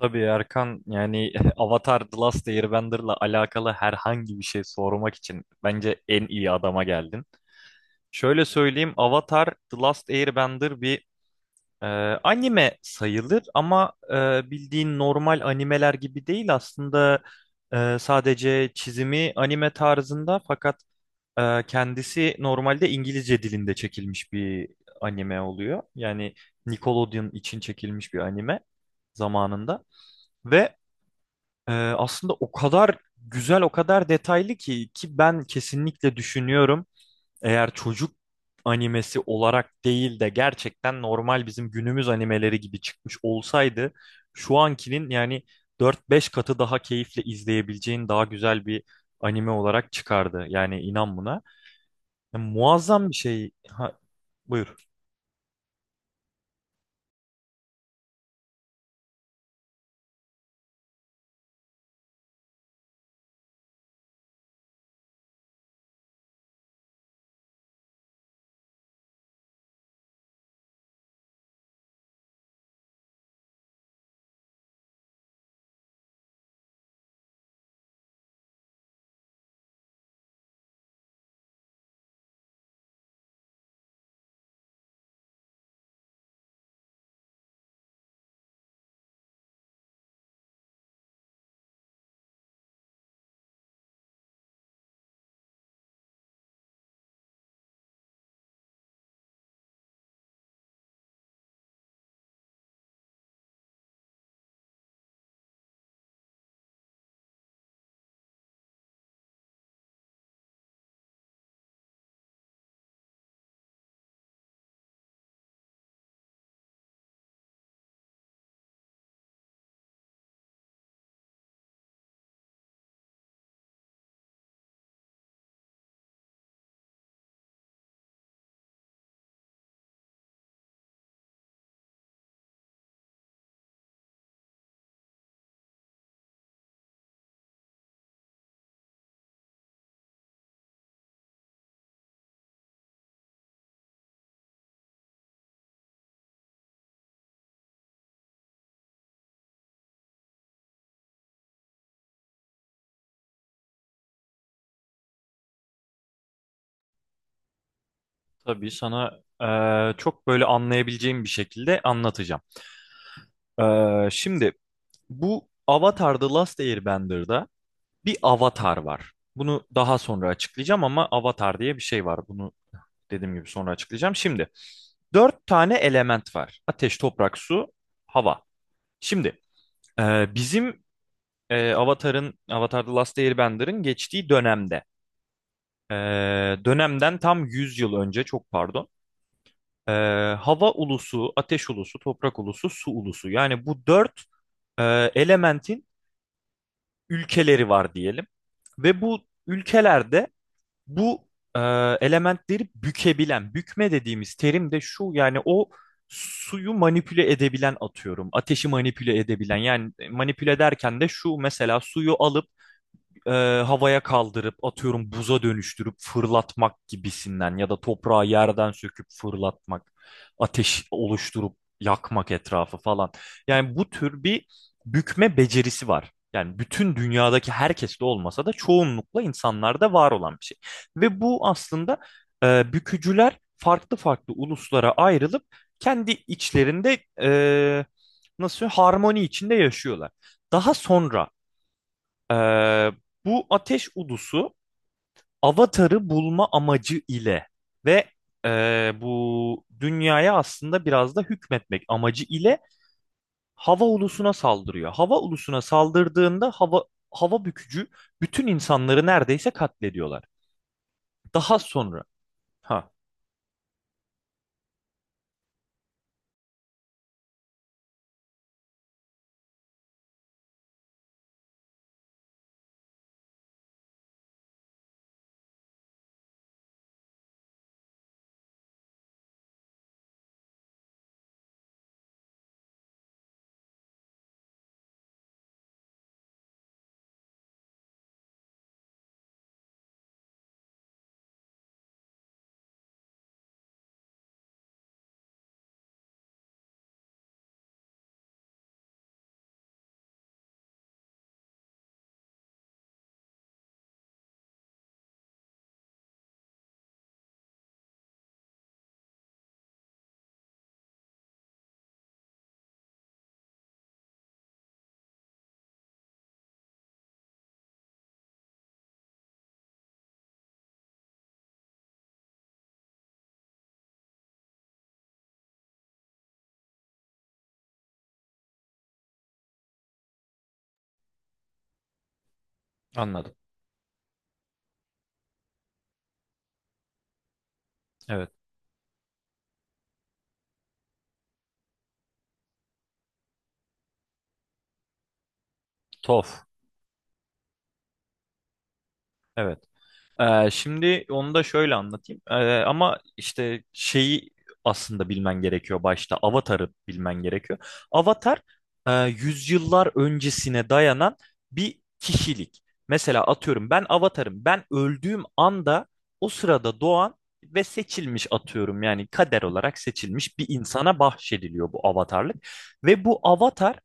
Tabii Erkan yani Avatar The Last Airbender'la alakalı herhangi bir şey sormak için bence en iyi adama geldin. Şöyle söyleyeyim, Avatar The Last Airbender bir e, anime sayılır, ama bildiğin normal animeler gibi değil aslında. Sadece çizimi anime tarzında, fakat kendisi normalde İngilizce dilinde çekilmiş bir anime oluyor. Yani Nickelodeon için çekilmiş bir anime zamanında. Ve aslında o kadar güzel, o kadar detaylı ki ben kesinlikle düşünüyorum. Eğer çocuk animesi olarak değil de gerçekten normal bizim günümüz animeleri gibi çıkmış olsaydı şu ankinin yani dört beş katı daha keyifle izleyebileceğin daha güzel bir anime olarak çıkardı. Yani inan buna. Ya, muazzam bir şey. Ha, buyur. Tabii sana çok böyle anlayabileceğim bir şekilde anlatacağım. Şimdi bu Avatar The Last Airbender'da bir avatar var. Bunu daha sonra açıklayacağım, ama avatar diye bir şey var. Bunu dediğim gibi sonra açıklayacağım. Şimdi dört tane element var: ateş, toprak, su, hava. Şimdi bizim Avatar'ın, Avatar The Last Airbender'ın geçtiği dönemde, e, dönemden tam 100 yıl önce, çok pardon, e, hava ulusu, ateş ulusu, toprak ulusu, su ulusu. Yani bu dört e, elementin ülkeleri var diyelim. Ve bu ülkelerde bu e, elementleri bükebilen, bükme dediğimiz terim de şu yani, o suyu manipüle edebilen atıyorum, ateşi manipüle edebilen, yani manipüle derken de şu: mesela suyu alıp e, havaya kaldırıp atıyorum buza dönüştürüp fırlatmak gibisinden, ya da toprağı yerden söküp fırlatmak, ateş oluşturup yakmak etrafı falan. Yani bu tür bir bükme becerisi var. Yani bütün dünyadaki herkeste olmasa da çoğunlukla insanlarda var olan bir şey. Ve bu aslında bükücüler farklı farklı uluslara ayrılıp kendi içlerinde, nasıl söyleyeyim, harmoni içinde yaşıyorlar. Daha sonra ee, bu ateş udusu Avatar'ı bulma amacı ile ve bu dünyaya aslında biraz da hükmetmek amacı ile hava ulusuna saldırıyor. Hava ulusuna saldırdığında hava bükücü bütün insanları neredeyse katlediyorlar. Daha sonra ha, anladım. Evet. Tof. Evet. Şimdi onu da şöyle anlatayım. Ama işte şeyi aslında bilmen gerekiyor başta. Avatar'ı bilmen gerekiyor. Avatar yüzyıllar öncesine dayanan bir kişilik. Mesela atıyorum ben Avatar'ım. Ben öldüğüm anda o sırada doğan ve seçilmiş, atıyorum yani kader olarak seçilmiş bir insana bahşediliyor bu avatarlık. Ve bu avatar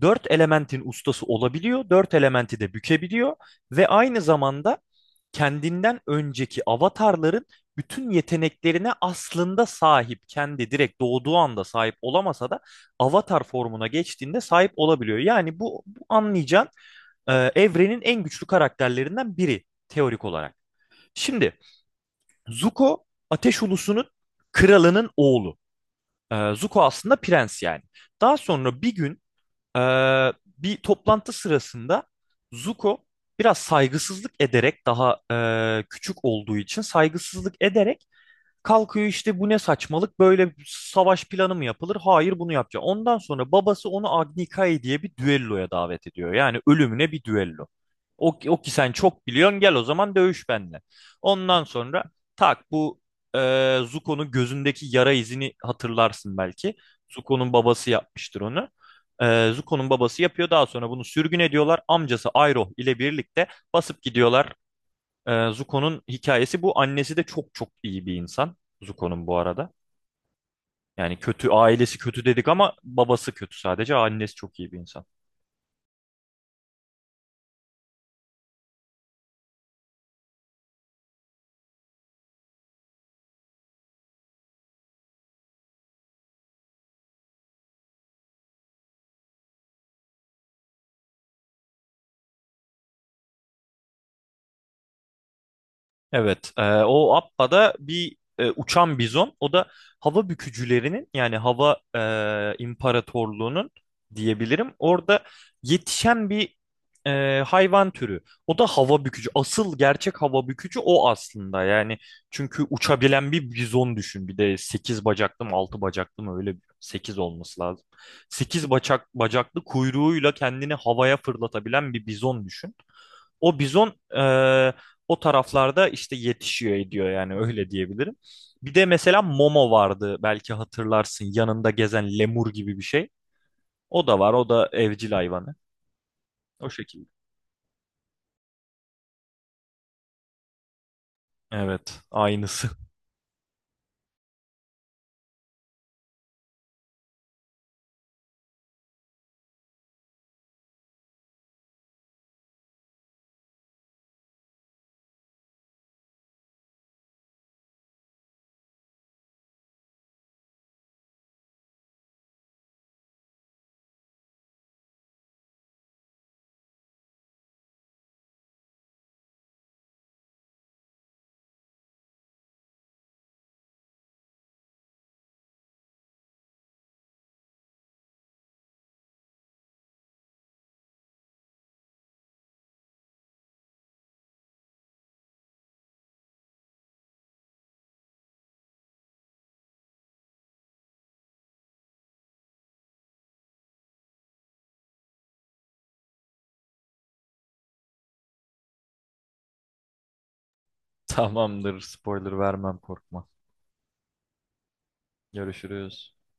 dört elementin ustası olabiliyor. Dört elementi de bükebiliyor ve aynı zamanda kendinden önceki avatarların bütün yeteneklerine aslında sahip. Kendi direkt doğduğu anda sahip olamasa da avatar formuna geçtiğinde sahip olabiliyor. Yani bu anlayacağın evrenin en güçlü karakterlerinden biri teorik olarak. Şimdi Zuko Ateş Ulusu'nun kralının oğlu. Zuko aslında prens yani. Daha sonra bir gün ee, bir toplantı sırasında Zuko biraz saygısızlık ederek, daha küçük olduğu için saygısızlık ederek kalkıyor, işte bu ne saçmalık, böyle savaş planı mı yapılır? Hayır, bunu yapacak. Ondan sonra babası onu Agnikai diye bir düelloya davet ediyor. Yani ölümüne bir düello. O ki sen çok biliyorsun, gel o zaman dövüş benimle. Ondan sonra tak, bu Zuko'nun gözündeki yara izini hatırlarsın belki. Zuko'nun babası yapmıştır onu. Zuko'nun babası yapıyor, daha sonra bunu sürgün ediyorlar. Amcası Iroh ile birlikte basıp gidiyorlar. Zuko'nun hikayesi bu. Annesi de çok çok iyi bir insan. Zuko'nun bu arada. Yani kötü, ailesi kötü dedik ama babası kötü sadece. Annesi çok iyi bir insan. Evet, o Appa'da bir uçan bizon. O da hava bükücülerinin yani hava imparatorluğunun diyebilirim. Orada yetişen bir hayvan türü. O da hava bükücü. Asıl gerçek hava bükücü o aslında. Yani çünkü uçabilen bir bizon düşün. Bir de 8 bacaklı mı, 6 bacaklı mı, öyle 8 olması lazım. 8 bacak bacaklı kuyruğuyla kendini havaya fırlatabilen bir bizon düşün. O bizon o taraflarda işte yetişiyor ediyor, yani öyle diyebilirim. Bir de mesela Momo vardı, belki hatırlarsın, yanında gezen lemur gibi bir şey. O da var, o da evcil hayvanı. O şekilde. Evet, aynısı. Tamamdır, spoiler vermem, korkma. Görüşürüz.